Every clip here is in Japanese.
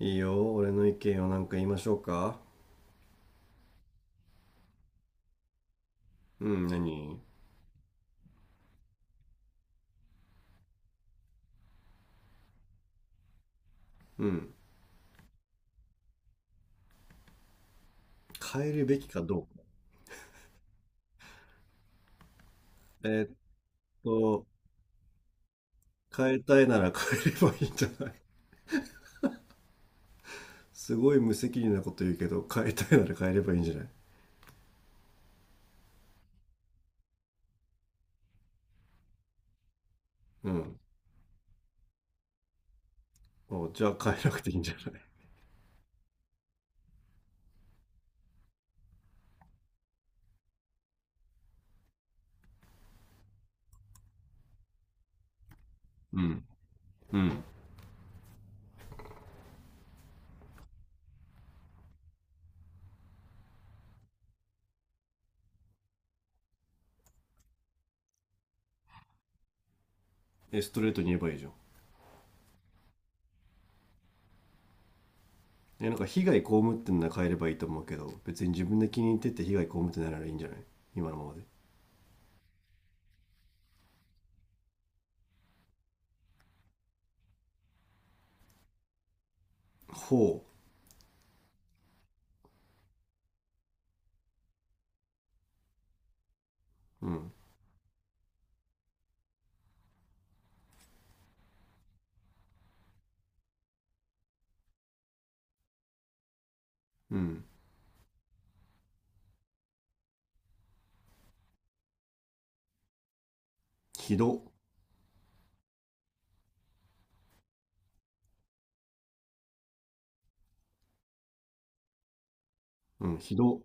いいよ、俺の意見をなんか言いましょうか。うん、何？うん。変えるべきかどうか。えーっと、変えたいなら変えればいいんじゃない？ すごい無責任なこと言うけど、変えたいなら変えればいいんじゃない？うん。お、じゃあ変えなくていいんじゃない？うん。うん。え、ストレートに言えばいいじゃん。え、なんか被害被ってんなら変えればいいと思うけど、別に自分で気に入ってて被害被ってないならいいんじゃない？今のままで。ほう。うん。うん。ひど。うん、ひど。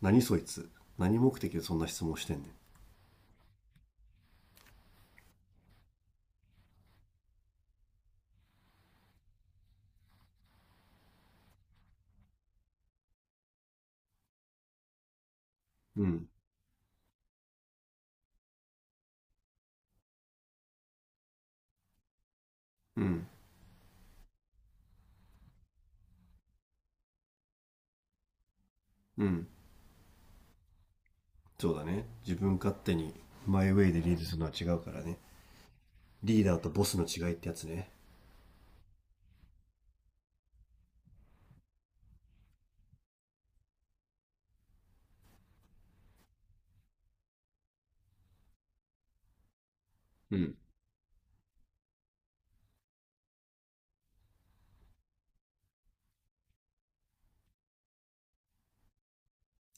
何そいつ。何目的でそんな質問してんねん。うんうんうん、そうだね、自分勝手にマイウェイでリードするのは違うからね。リーダーとボスの違いってやつね。うん、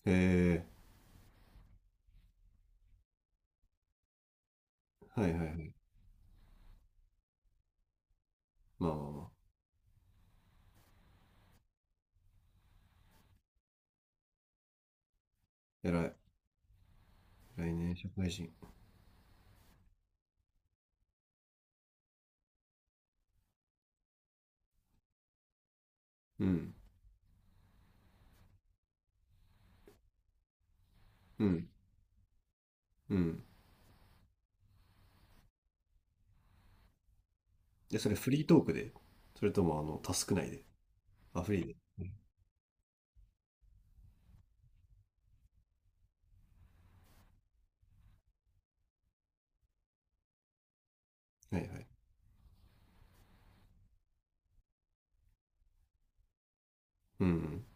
へえ、はいはいはい、まあまあまあ、偉い。偉いね社会人。うんうん、うん。でそれフリートークで？それともあのタスク内で？あフリーで？はいはい。うん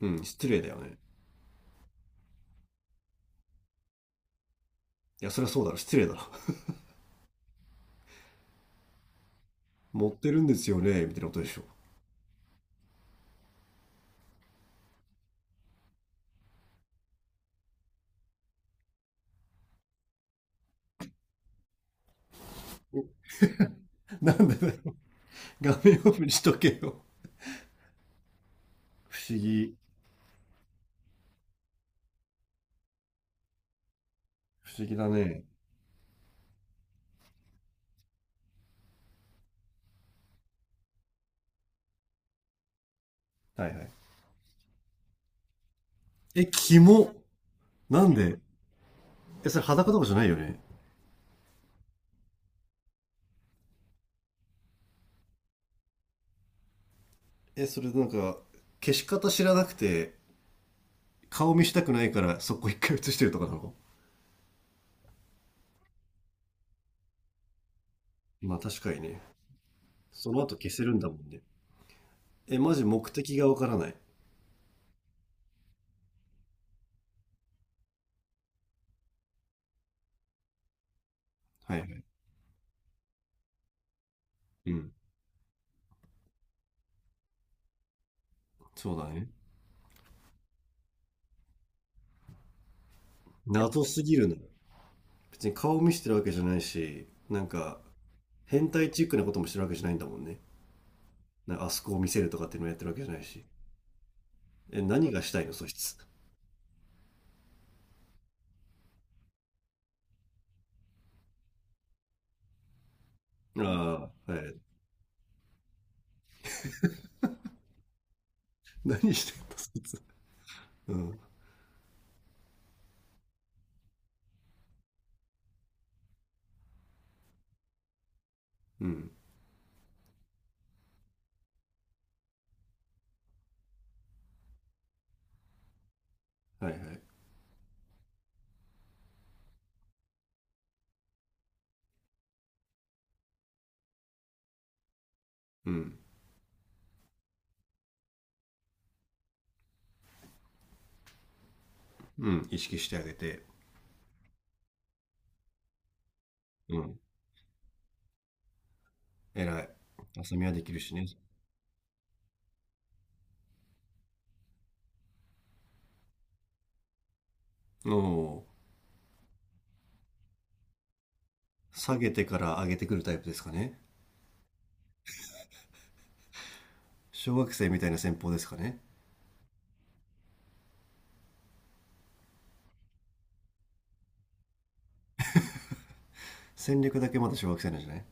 うん、うん、失礼だよね。いやそりゃそうだろ、失礼だろ。 持ってるんですよねみたいなことでしょ？なんでだよ。 画面オフにしとけよ。不思議。不思議だね。はいはい。えキモ。なんで？え、それ裸とかじゃないよね？え、それなんか、消し方知らなくて、顔見したくないからそこ一回映してるとかなの？まあ確かにね。その後消せるんだもんね。え、マジ目的がわからない。はいはい。うん。そうだね。謎すぎるな。別に顔見してるわけじゃないし、なんか、変態チックなこともしてるわけじゃないんだもんね。なんかあそこを見せるとかっていうのもやってるわけじゃないし。え、何がしたいの、そいつ。ああ、はい。何してんの、そいつ。うん。うん。はいはい。うん。うん、意識してあげて、うん、偉い。浅見はできるしね。おお、下げてから上げてくるタイプですかね。小学生みたいな戦法ですかね。戦略だけまだ小学生なんじゃない？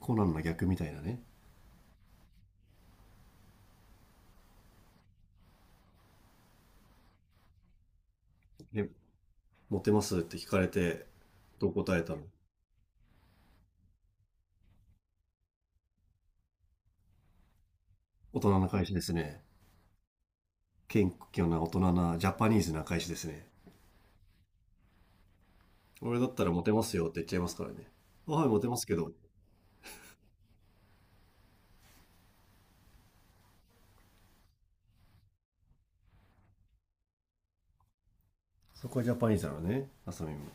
コナンの逆みたいなね。え、モテますって聞かれて、どう答えたの？大人な返しですね。謙虚な大人なジャパニーズな返しですね。俺だったらモテますよって言っちゃいますからね。あはい、モテますけど。そこはジャパニーズなのね、浅見も。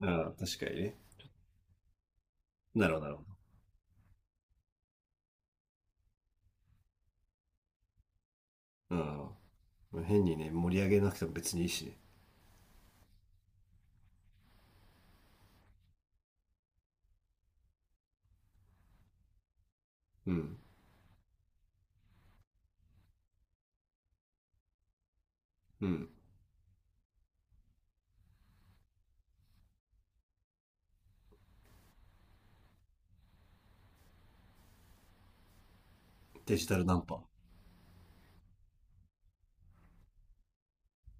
ああ、確かにね。なるほど、なるほど。うん。変にね、盛り上げなくても別にいいしね。うん。うん。デジタルナンパ。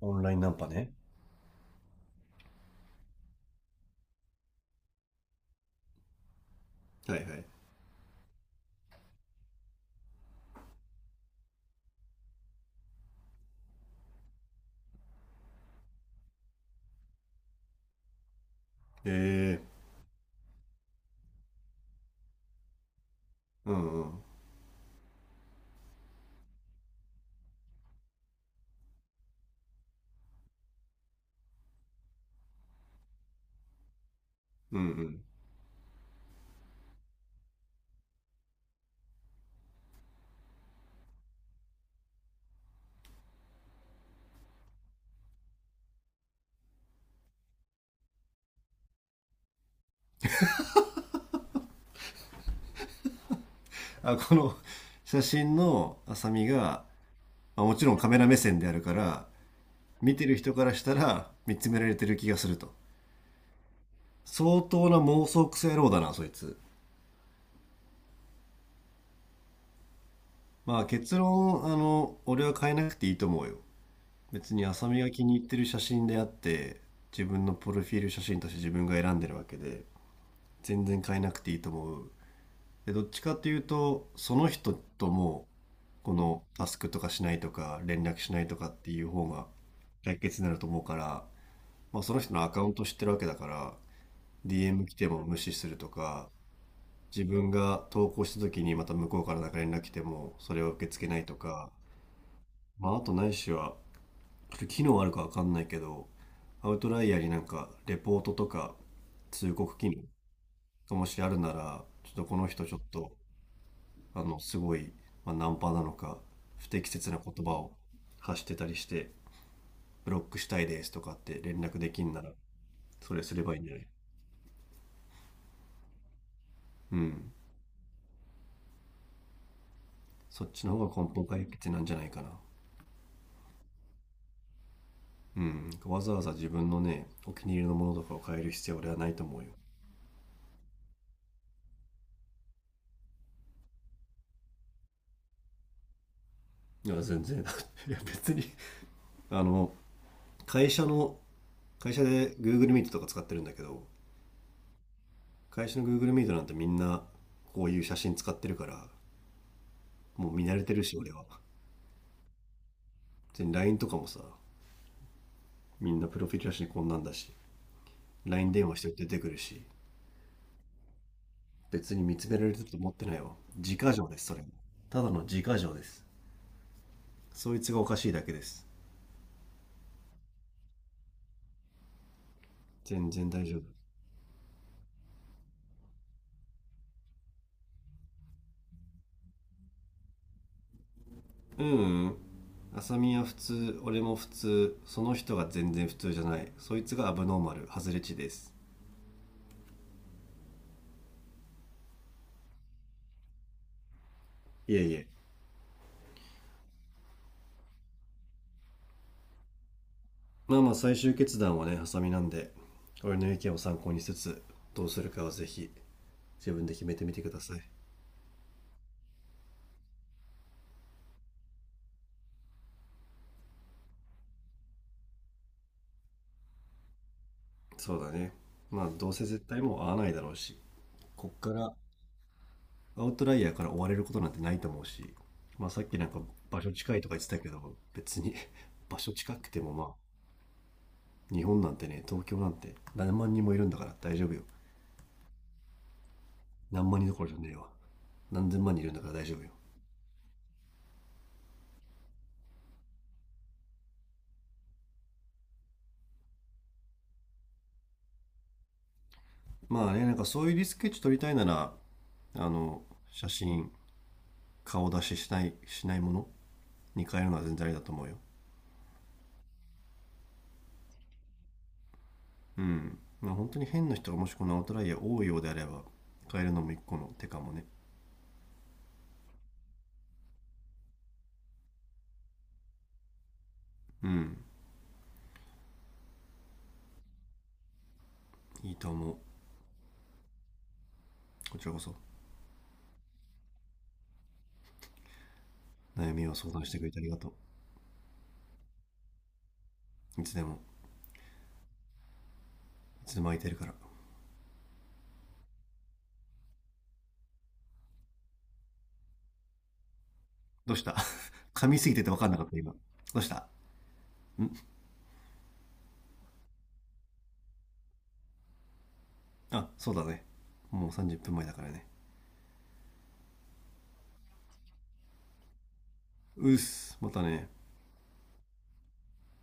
オンラインナンパね。はいはい。ええ、うんうん。うんうん。あ、この 写真のあさみが、まあ、もちろんカメラ目線であるから、見てる人からしたら見つめられてる気がすると。相当な妄想癖野郎だな、そいつ。まあ結論、あの、俺は変えなくていいと思うよ。別に浅見が気に入ってる写真であって、自分のプロフィール写真として自分が選んでるわけで、全然変えなくていいと思う。で、どっちかっていうと、その人ともこのタスクとかしないとか、連絡しないとかっていう方が解決になると思うから、まあ、その人のアカウント知ってるわけだから、DM 来ても無視するとか、自分が投稿した時にまた向こうからなんか連絡来ても、それを受け付けないとか、まあ、あとないしは、これ機能あるかわかんないけど、アウトライヤーになんかレポートとか通告機能がもしあるなら、ちょっとこの人ちょっとあの、すごい、まあ、ナンパなのか、不適切な言葉を発してたりして、ブロックしたいですとかって連絡できんなら、それすればいいんじゃない？うん。そっちの方が根本解決なんじゃないかな。うん。わざわざ自分のね、お気に入りのものとかを変える必要は俺はないと思うよ。いや、全然。 いや、別にあの、会社の、会社で Google Meet とか使ってるんだけど、会社の Google Meet なんてみんなこういう写真使ってるから、もう見慣れてるし、俺は。別に LINE とかもさ、みんなプロフィールだしこんなんだし、 LINE 電話して出てくるし、別に見つめられると思ってないわ。自家錠ですそれも。ただの自家錠です。そいつがおかしいだけです。全然大丈夫。うんうん、浅見は普通、俺も普通、その人が全然普通じゃない、そいつがアブノーマル、外れ値です。いえいえ。まあまあ、最終決断はね浅見なんで、俺の意見を参考にしつつ、どうするかはぜひ自分で決めてみてください。そうだね。まあ、どうせ絶対もう会わないだろうし、こっから、アウトライヤーから追われることなんてないと思うし、まあさっきなんか場所近いとか言ってたけど、別に 場所近くてもまあ、日本なんてね、東京なんて何万人もいるんだから大丈夫よ。何万人どころじゃねえわ。何千万人いるんだから大丈夫よ。まあね、なんかそういうリスケッチ撮りたいなら、あの、写真、顔出ししない、ものに変えるのは全然ありだと思うよ。うん、まあ本当に変な人がもしこのアウトライヤー多いようであれば変えるのも一個の手かもね。うん、いいと思う。こちらこそ、悩みを相談してくれてありがと。ういつでも、いつでも空いてるから。どうした？ 噛みすぎてて分かんなかった今。どうしたん？あそうだね、もう30分前だからね。うっす、またね。